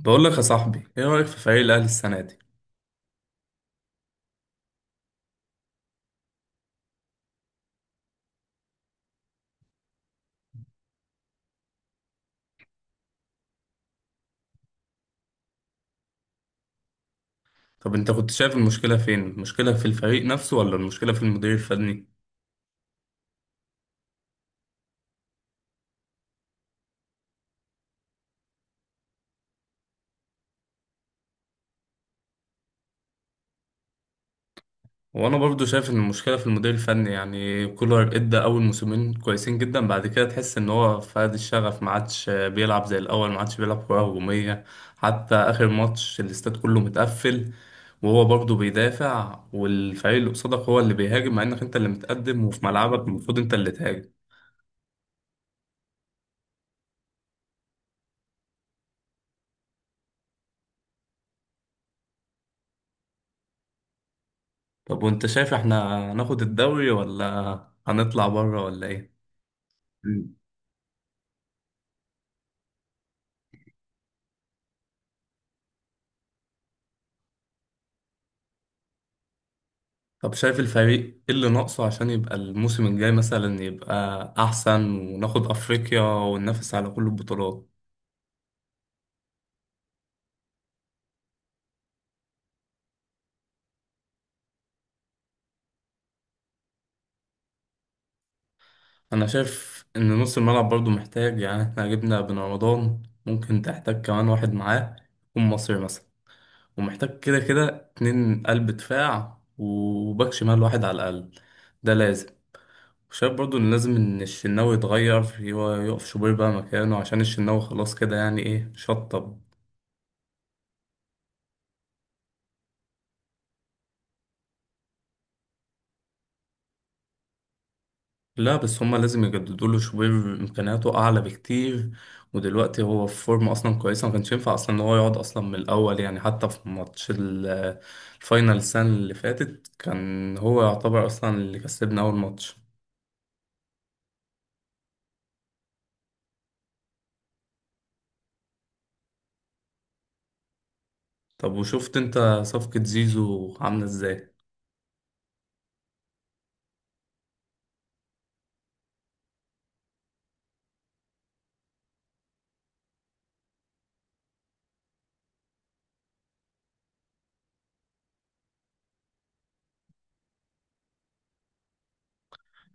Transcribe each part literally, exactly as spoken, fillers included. بقول لك يا صاحبي ايه رأيك في فريق الاهلي السنة دي؟ طب انت كنت شايف المشكلة فين، المشكلة في الفريق نفسه ولا المشكلة في المدير الفني؟ وانا برضو شايف ان المشكلة في المدير الفني، يعني كولر ادى اول موسمين كويسين جدا، بعد كده تحس ان هو فقد الشغف، ما عادش بيلعب زي الاول، ما عادش بيلعب كرة هجومية. حتى اخر ماتش الاستاد كله متقفل وهو برضه بيدافع، والفريق اللي قصادك هو اللي بيهاجم، مع انك انت اللي متقدم وفي ملعبك المفروض انت اللي تهاجم. طب وانت شايف احنا هناخد الدوري ولا هنطلع بره ولا ايه؟ مم. طب شايف الفريق ايه اللي ناقصه عشان يبقى الموسم الجاي مثلا يبقى احسن وناخد افريقيا وننافس على كل البطولات؟ انا شايف ان نص الملعب برضو محتاج، يعني احنا جبنا بن رمضان ممكن تحتاج كمان واحد معاه يكون مصري مثلا، ومحتاج كده كده اتنين قلب دفاع وباك شمال واحد على الاقل، ده لازم. شايف برضو ان لازم ان الشناوي يتغير، هو يقف شوبير بقى مكانه، عشان الشناوي خلاص كده يعني ايه شطب. لا بس هما لازم يجددوا له شوبير، امكانياته اعلى بكتير، ودلوقتي هو في فورم اصلا كويسه، ما كانش ينفع اصلا ان هو يقعد اصلا من الاول، يعني حتى في ماتش ال- الفاينل السنه اللي فاتت كان هو يعتبر اصلا اللي كسبنا اول ماتش. طب وشفت انت صفقه زيزو عامله ازاي؟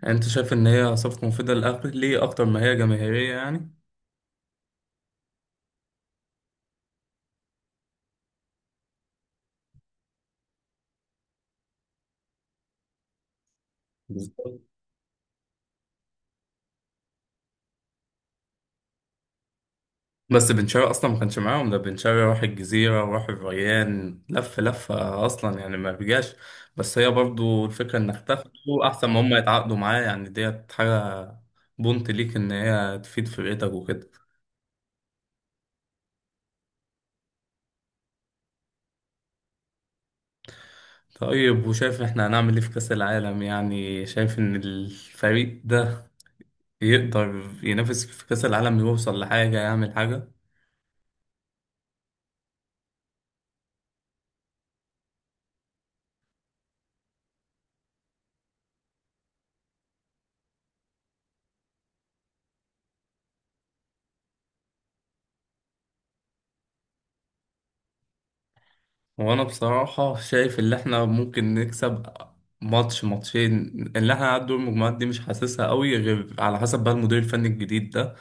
يعني انت شايف ان هي صفقه مفيده للاهلي اكتر ما هي جماهيريه يعني؟ بالظبط. بس بن شرقي اصلا ما كانش معاهم، ده بن شرقي راح الجزيره وراح الريان، لف لفه اصلا يعني، ما رجعش، بس هي برضو الفكره انك تاخده احسن ما هم يتعاقدوا معاه، يعني ديت حاجه بونت ليك ان هي تفيد فرقتك وكده. طيب وشايف احنا هنعمل ايه في كاس العالم؟ يعني شايف ان الفريق ده يقدر ينافس في كاس العالم، يوصل لحاجه، يعمل حاجه؟ وانا بصراحة شايف اللي احنا ممكن نكسب ماتش ماتشين، اللي احنا هنعدي دور المجموعات دي مش حاسسها قوي، غير على حسب بقى المدير الفني الجديد ده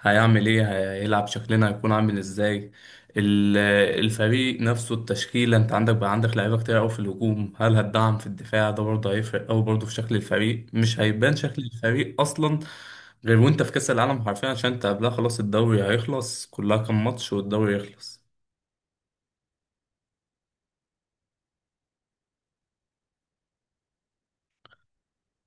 هيعمل ايه، هيلعب شكلنا هيكون عامل ازاي، ال- الفريق نفسه التشكيلة، انت عندك بقى عندك لعيبة كتير قوي في الهجوم، هل هتدعم في الدفاع؟ ده برضه هيفرق قوي برضه في شكل الفريق، مش هيبان شكل الفريق اصلا غير وانت في كأس العالم حرفيا، عشان انت قبلها خلاص الدوري هيخلص، كلها كام ماتش والدوري يخلص.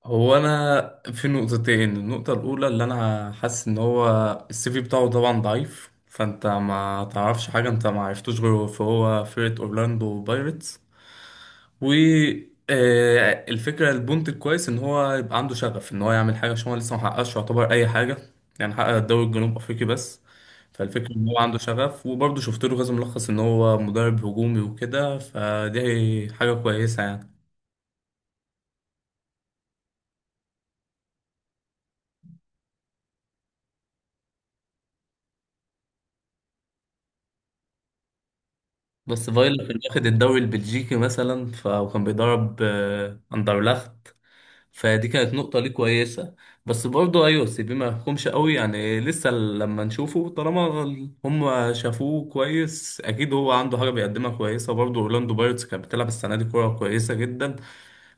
هو انا في نقطتين. النقطه الاولى اللي انا حاسس ان هو السي في بتاعه طبعا ضعيف، فانت ما تعرفش حاجه، انت ما عرفتوش غيره، فهو فرقه اورلاندو بايرتس، و آه، الفكره البونت الكويس ان هو يبقى عنده شغف ان هو يعمل حاجه، عشان هو لسه ما حققش يعتبر اي حاجه، يعني حقق الدوري الجنوب افريقي بس، فالفكره ان هو عنده شغف، وبرضه شفت له كذا ملخص ان هو مدرب هجومي وكده، فدي حاجه كويسه يعني. بس فايلر كان واخد الدوري البلجيكي مثلا ف- وكان بيدرب آه، اندرلخت، فدي كانت نقطة ليه كويسة، بس برضه أيوة سيبيه ما يحكمش قوي يعني، لسه لما نشوفه، طالما ال- هم شافوه كويس أكيد هو عنده حاجة بيقدمها كويسة، برضه أورلاندو بايرتس كانت بتلعب السنة دي كورة كويسة جدا،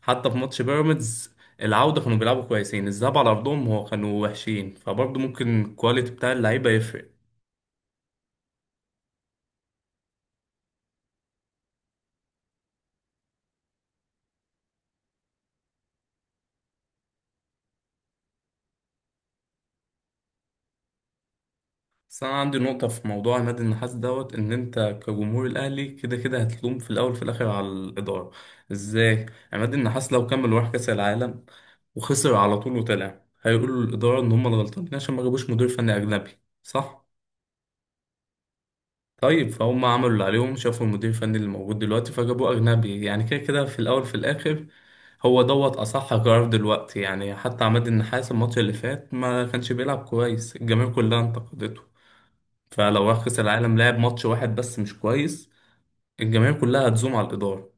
حتى في ماتش بيراميدز العودة كانوا بيلعبوا كويسين، الذهاب على أرضهم هو كانوا وحشين، فبرضه ممكن الكواليتي بتاع اللعيبة يفرق. بس انا عندي نقطة في موضوع عماد النحاس دوت، ان انت كجمهور الاهلي كده كده هتلوم في الاول في الاخر على الادارة. ازاي؟ عماد النحاس لو كمل وراح كاس العالم وخسر على طول وطلع، هيقولوا للادارة ان هم الغلطانين عشان ما جابوش مدير فني اجنبي، صح؟ طيب فهم عملوا اللي عليهم، شافوا المدير الفني اللي موجود دلوقتي فجابوه اجنبي، يعني كده كده في الاول في الاخر هو دوت اصح قرار دلوقتي، يعني حتى عماد النحاس الماتش اللي فات ما كانش بيلعب كويس، الجماهير كلها انتقدته، فلو راح كأس العالم لعب ماتش واحد بس مش كويس، الجماهير كلها هتزوم على الإدارة.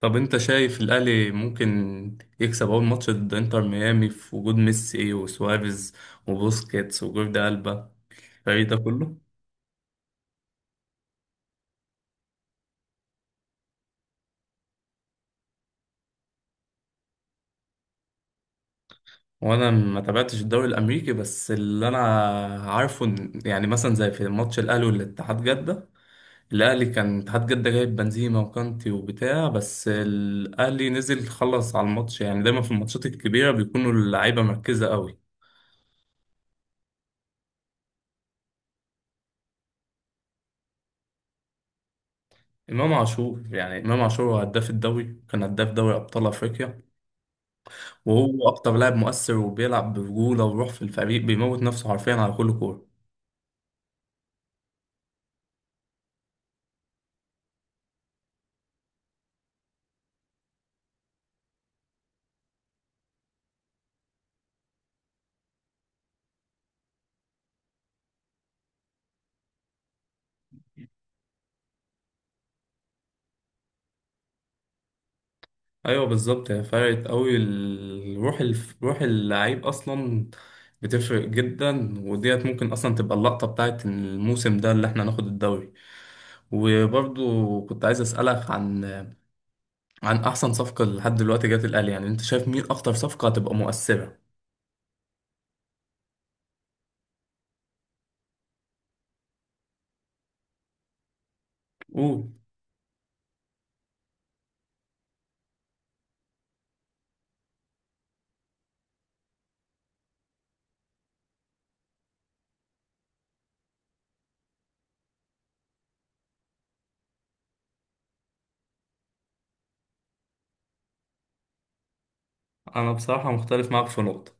طب أنت شايف الأهلي ممكن يكسب أول ماتش ضد إنتر ميامي في وجود ميسي وسواريز وبوسكيتس وجوردي ألبا، الفريق ده كله؟ وأنا ما تابعتش الدوري الأمريكي، بس اللي أنا عارفه إن- يعني مثلا زي في ماتش الأهلي والاتحاد جدة، الأهلي كان اتحاد جدة جايب بنزيما وكانتي وبتاع، بس الأهلي نزل خلص على الماتش، يعني دايما في الماتشات الكبيرة بيكونوا اللعيبة مركزة قوي. امام عاشور، يعني امام عاشور هو هداف الدوري، كان هداف دوري ابطال افريقيا، وهو اكتر لاعب مؤثر، وبيلعب برجوله وروح، في الفريق بيموت نفسه حرفيا على كل كوره. ايوه بالظبط، هي فرقت قوي الروح، الف... روح اللعيب اصلا بتفرق جدا، وديت ممكن اصلا تبقى اللقطه بتاعت الموسم ده اللي احنا ناخد الدوري، وبرضو كنت عايز اسالك عن عن احسن صفقه لحد دلوقتي جت الاهلي، يعني انت شايف مين اكتر صفقه هتبقى مؤثره؟ قول. انا بصراحه مختلف معاك في نقطه،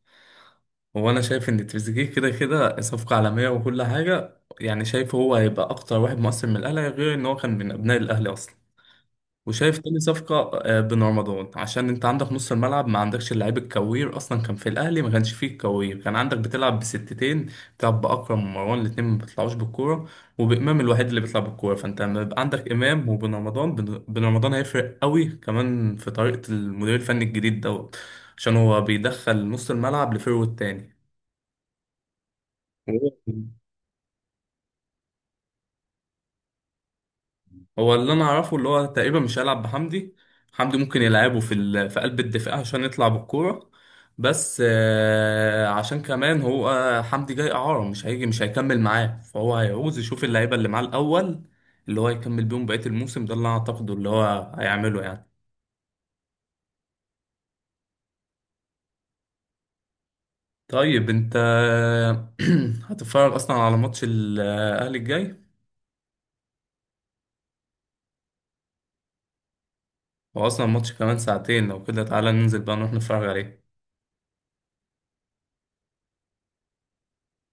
هو انا شايف ان تريزيجيه كده كده صفقه عالميه وكل حاجه، يعني شايف هو هيبقى اكتر واحد مؤثر من الاهلي، غير ان هو كان من ابناء الاهلي اصلا، وشايف تاني صفقه آه، بن رمضان عشان انت عندك نص الملعب ما عندكش اللعيب الكوير اصلا، كان في الاهلي ما كانش فيه الكوير، كان عندك بتلعب بستتين بتلعب باكرم ومروان الاتنين ما بيطلعوش بالكوره، وبامام الوحيد اللي بيطلع بالكوره، فانت لما يبقى عندك امام وبن رمضان، بن بن رمضان هيفرق قوي كمان في طريقه المدير الفني الجديد دوت، عشان هو بيدخل نص الملعب لفيرو التاني. هو هو اللي انا اعرفه اللي هو تقريبا مش هيلعب بحمدي، حمدي ممكن يلعبه في ال... في قلب الدفاع عشان يطلع بالكوره، بس آه، عشان كمان هو آه، حمدي جاي اعاره مش هيجي مش هيكمل معاه، فهو هيعوز يشوف اللعيبه اللي معاه الاول اللي هو يكمل بيهم بقيه الموسم، ده اللي انا اعتقده اللي هو هيعمله يعني. طيب انت هتتفرج اصلا على ماتش الاهلي الجاي؟ هو اصلا الماتش كمان ساعتين، لو كده تعالى ننزل بقى نروح نتفرج عليه.